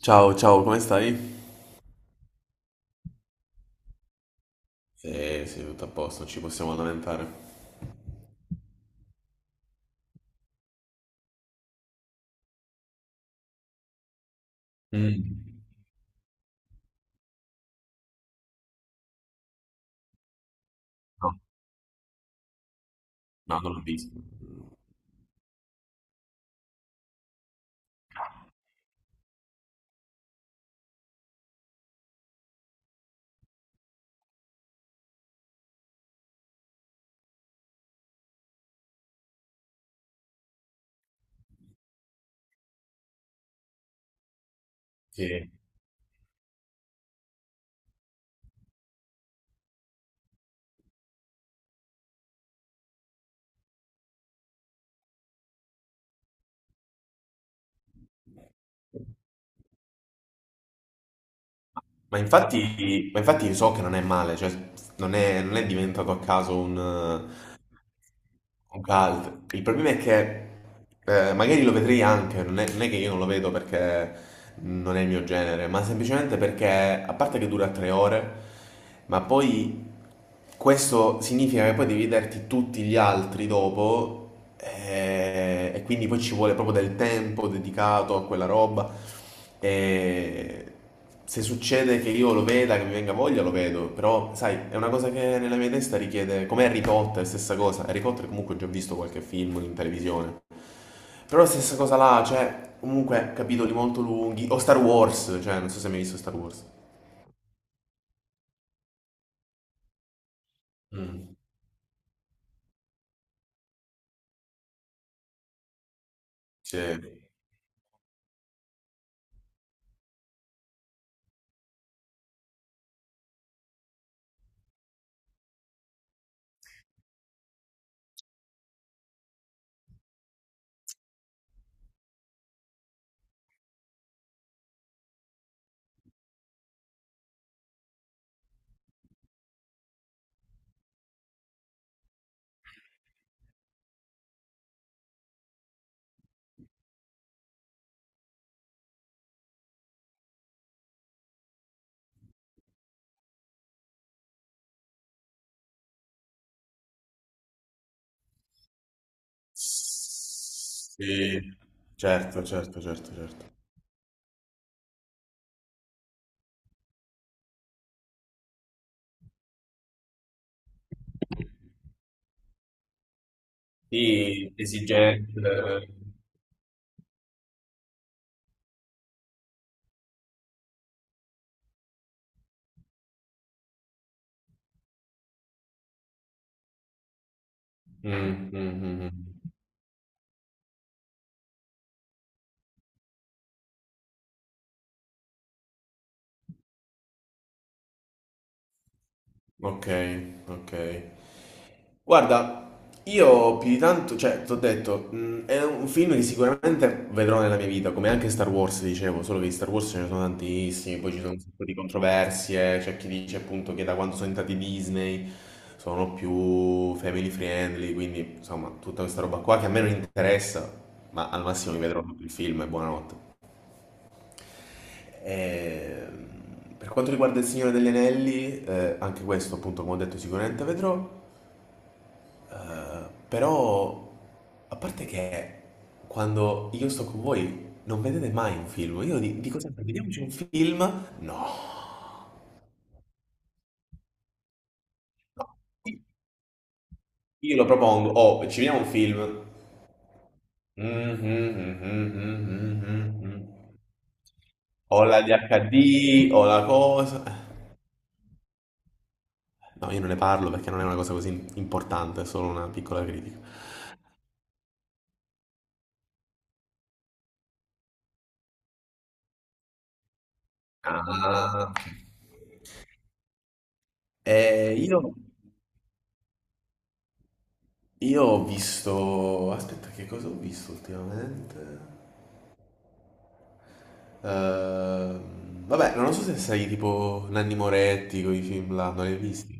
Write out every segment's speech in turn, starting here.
Ciao, ciao, come stai? Sì, sì, tutto a posto, non ci possiamo lamentare. Mm. No, no, non l'ho visto. Sì. Ma infatti, so che non è male, cioè non è diventato a caso un cult. Il problema è che magari lo vedrei anche, non è che io non lo vedo perché non è il mio genere, ma semplicemente perché, a parte che dura 3 ore, ma poi questo significa che poi devi vederti tutti gli altri dopo, e quindi poi ci vuole proprio del tempo dedicato a quella roba. E se succede che io lo veda, che mi venga voglia, lo vedo, però sai, è una cosa che nella mia testa richiede, come Harry Potter, stessa cosa, Harry Potter comunque ho già visto qualche film in televisione, però la stessa cosa là, cioè, comunque capitoli molto lunghi, o Star Wars, cioè, non so se hai mai visto Star Wars. Mm, sì. Sì, certo, certo, certo, certo. Sì, esigente. Mm, mm, mm, mm. Ok, ok. Guarda, io più di tanto, cioè, ti ho detto, è un film che sicuramente vedrò nella mia vita, come anche Star Wars, dicevo, solo che di Star Wars ce ne sono tantissimi, poi ci sono un sacco di controversie, c'è chi dice appunto che da quando sono entrati Disney sono più family friendly, quindi insomma, tutta questa roba qua che a me non interessa, ma al massimo mi vedrò tutto il film e buonanotte. E, per quanto riguarda Il Signore degli Anelli, anche questo appunto come ho detto sicuramente vedrò, però a parte che quando io sto con voi non vedete mai un film, io dico sempre vediamoci un film, no, no. Io lo propongo, oh ci vediamo un film, mhm, mhm, mhm, mhm, o la DHD o la cosa, no io non ne parlo perché non è una cosa così importante, è solo una piccola critica. Ah, ok. Eh, io, io ho visto. Aspetta, che cosa ho visto ultimamente? Vabbè, non so se sei tipo Nanni Moretti con i film là, non li hai visti?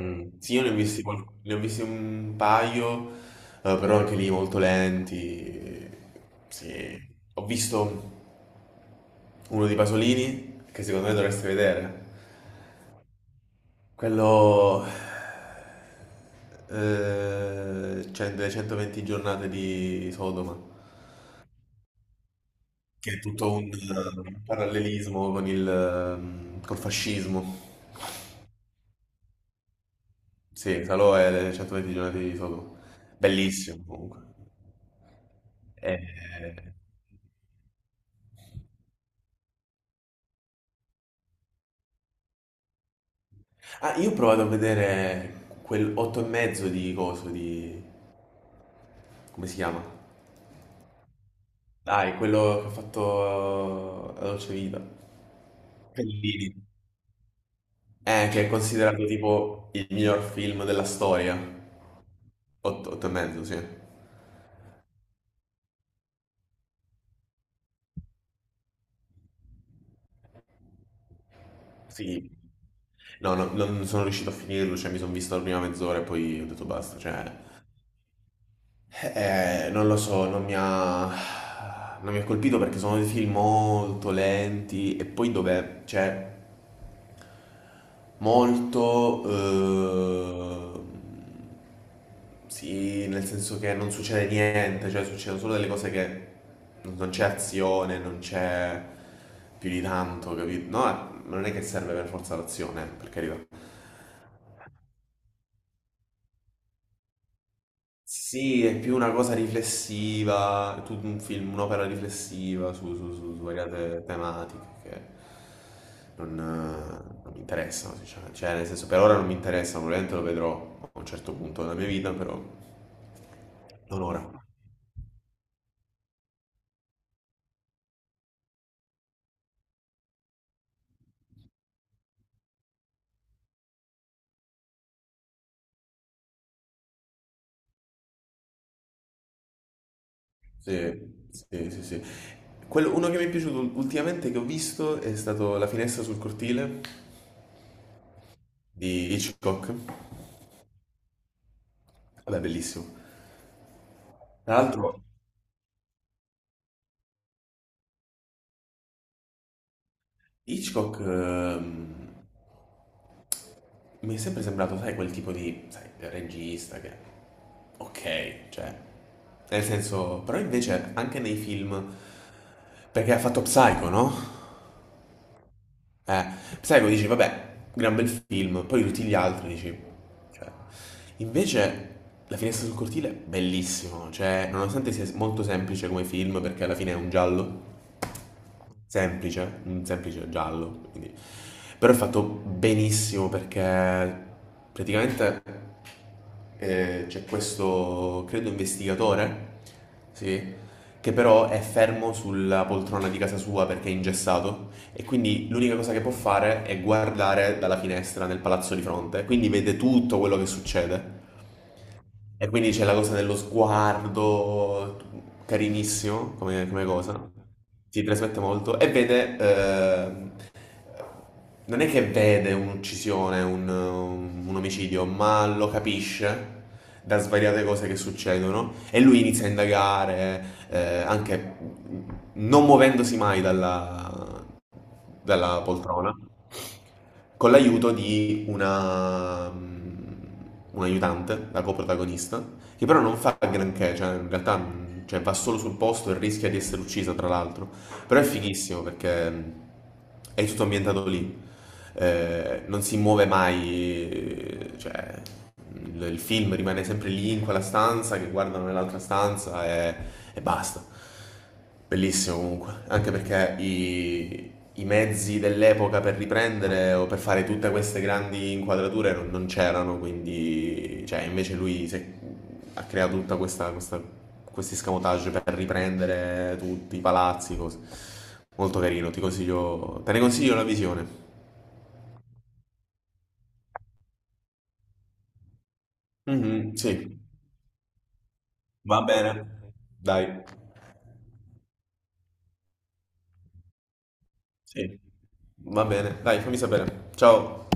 Mm. Sì, io ne ho visti, qual- ne ho visti un paio, però anche lì molto lenti. Sì. Ho visto uno di Pasolini, che secondo me dovresti vedere. Quello, cioè, delle 120 giornate di Sodoma, che è tutto un parallelismo col fascismo. Sì, Salò è le 120 giornate di Sodoma. Bellissimo comunque. Eh, Ah, io ho provato a vedere quel 8 e mezzo di coso di, come si chiama? Dai, quello che ha fatto La Dolce Vita. Bellini. Che è considerato tipo il miglior film della storia. Otto e mezzo, sì. Sì. No, no, non sono riuscito a finirlo, cioè mi sono visto la prima mezz'ora e poi ho detto basta, cioè. Non lo so, non mi ha colpito perché sono dei film molto lenti e poi dove, cioè, molto, sì, nel senso che non succede niente, cioè succedono solo delle cose che non c'è azione, non c'è più di tanto, capito? No, ma non è che serve per forza l'azione, per carità. Sì, è più una cosa riflessiva, è tutto un film, un'opera riflessiva su variate tematiche che non mi interessano, sinceramente. Cioè, nel senso, per ora non mi interessano, probabilmente lo vedrò a un certo punto della mia vita, però non ora. Sì, sì, sì, sì. Uno che mi è piaciuto ultimamente che ho visto è stato La finestra sul cortile di Hitchcock. Vabbè, bellissimo. Tra l'altro, Hitchcock mi è sempre sembrato, sai, quel tipo di, sai, regista che, ok, cioè, nel senso. Però invece anche nei film, perché ha fatto Psycho, no? Eh, Psycho dici, vabbè, gran bel film, poi tutti gli altri dici, cioè, invece, La finestra sul cortile è bellissimo, cioè, nonostante sia molto semplice come film, perché alla fine è un giallo, semplice, un semplice giallo, quindi. Però è fatto benissimo perché praticamente c'è questo, credo, investigatore, sì, che però è fermo sulla poltrona di casa sua perché è ingessato e quindi l'unica cosa che può fare è guardare dalla finestra nel palazzo di fronte, quindi vede tutto quello che succede. E quindi c'è la cosa dello sguardo, carinissimo come cosa, si trasmette molto, e vede, non è che vede un'uccisione, un omicidio, ma lo capisce da svariate cose che succedono e lui inizia a indagare, anche non muovendosi mai dalla poltrona, con l'aiuto di un aiutante, la coprotagonista, che però non fa granché, cioè in realtà, cioè, va solo sul posto e rischia di essere uccisa, tra l'altro. Però è fighissimo perché è tutto ambientato lì. Non si muove mai, cioè il film rimane sempre lì in quella stanza che guardano nell'altra stanza e basta. Bellissimo comunque, anche perché i mezzi dell'epoca per riprendere o per fare tutte queste grandi inquadrature non c'erano, quindi cioè, invece lui si è ha creato tutta questi scamotage per riprendere tutti i palazzi, cose. Molto carino, te ne consiglio la visione. Mhm, sì. Va bene. Dai. Sì. Va bene, dai, fammi sapere. Ciao.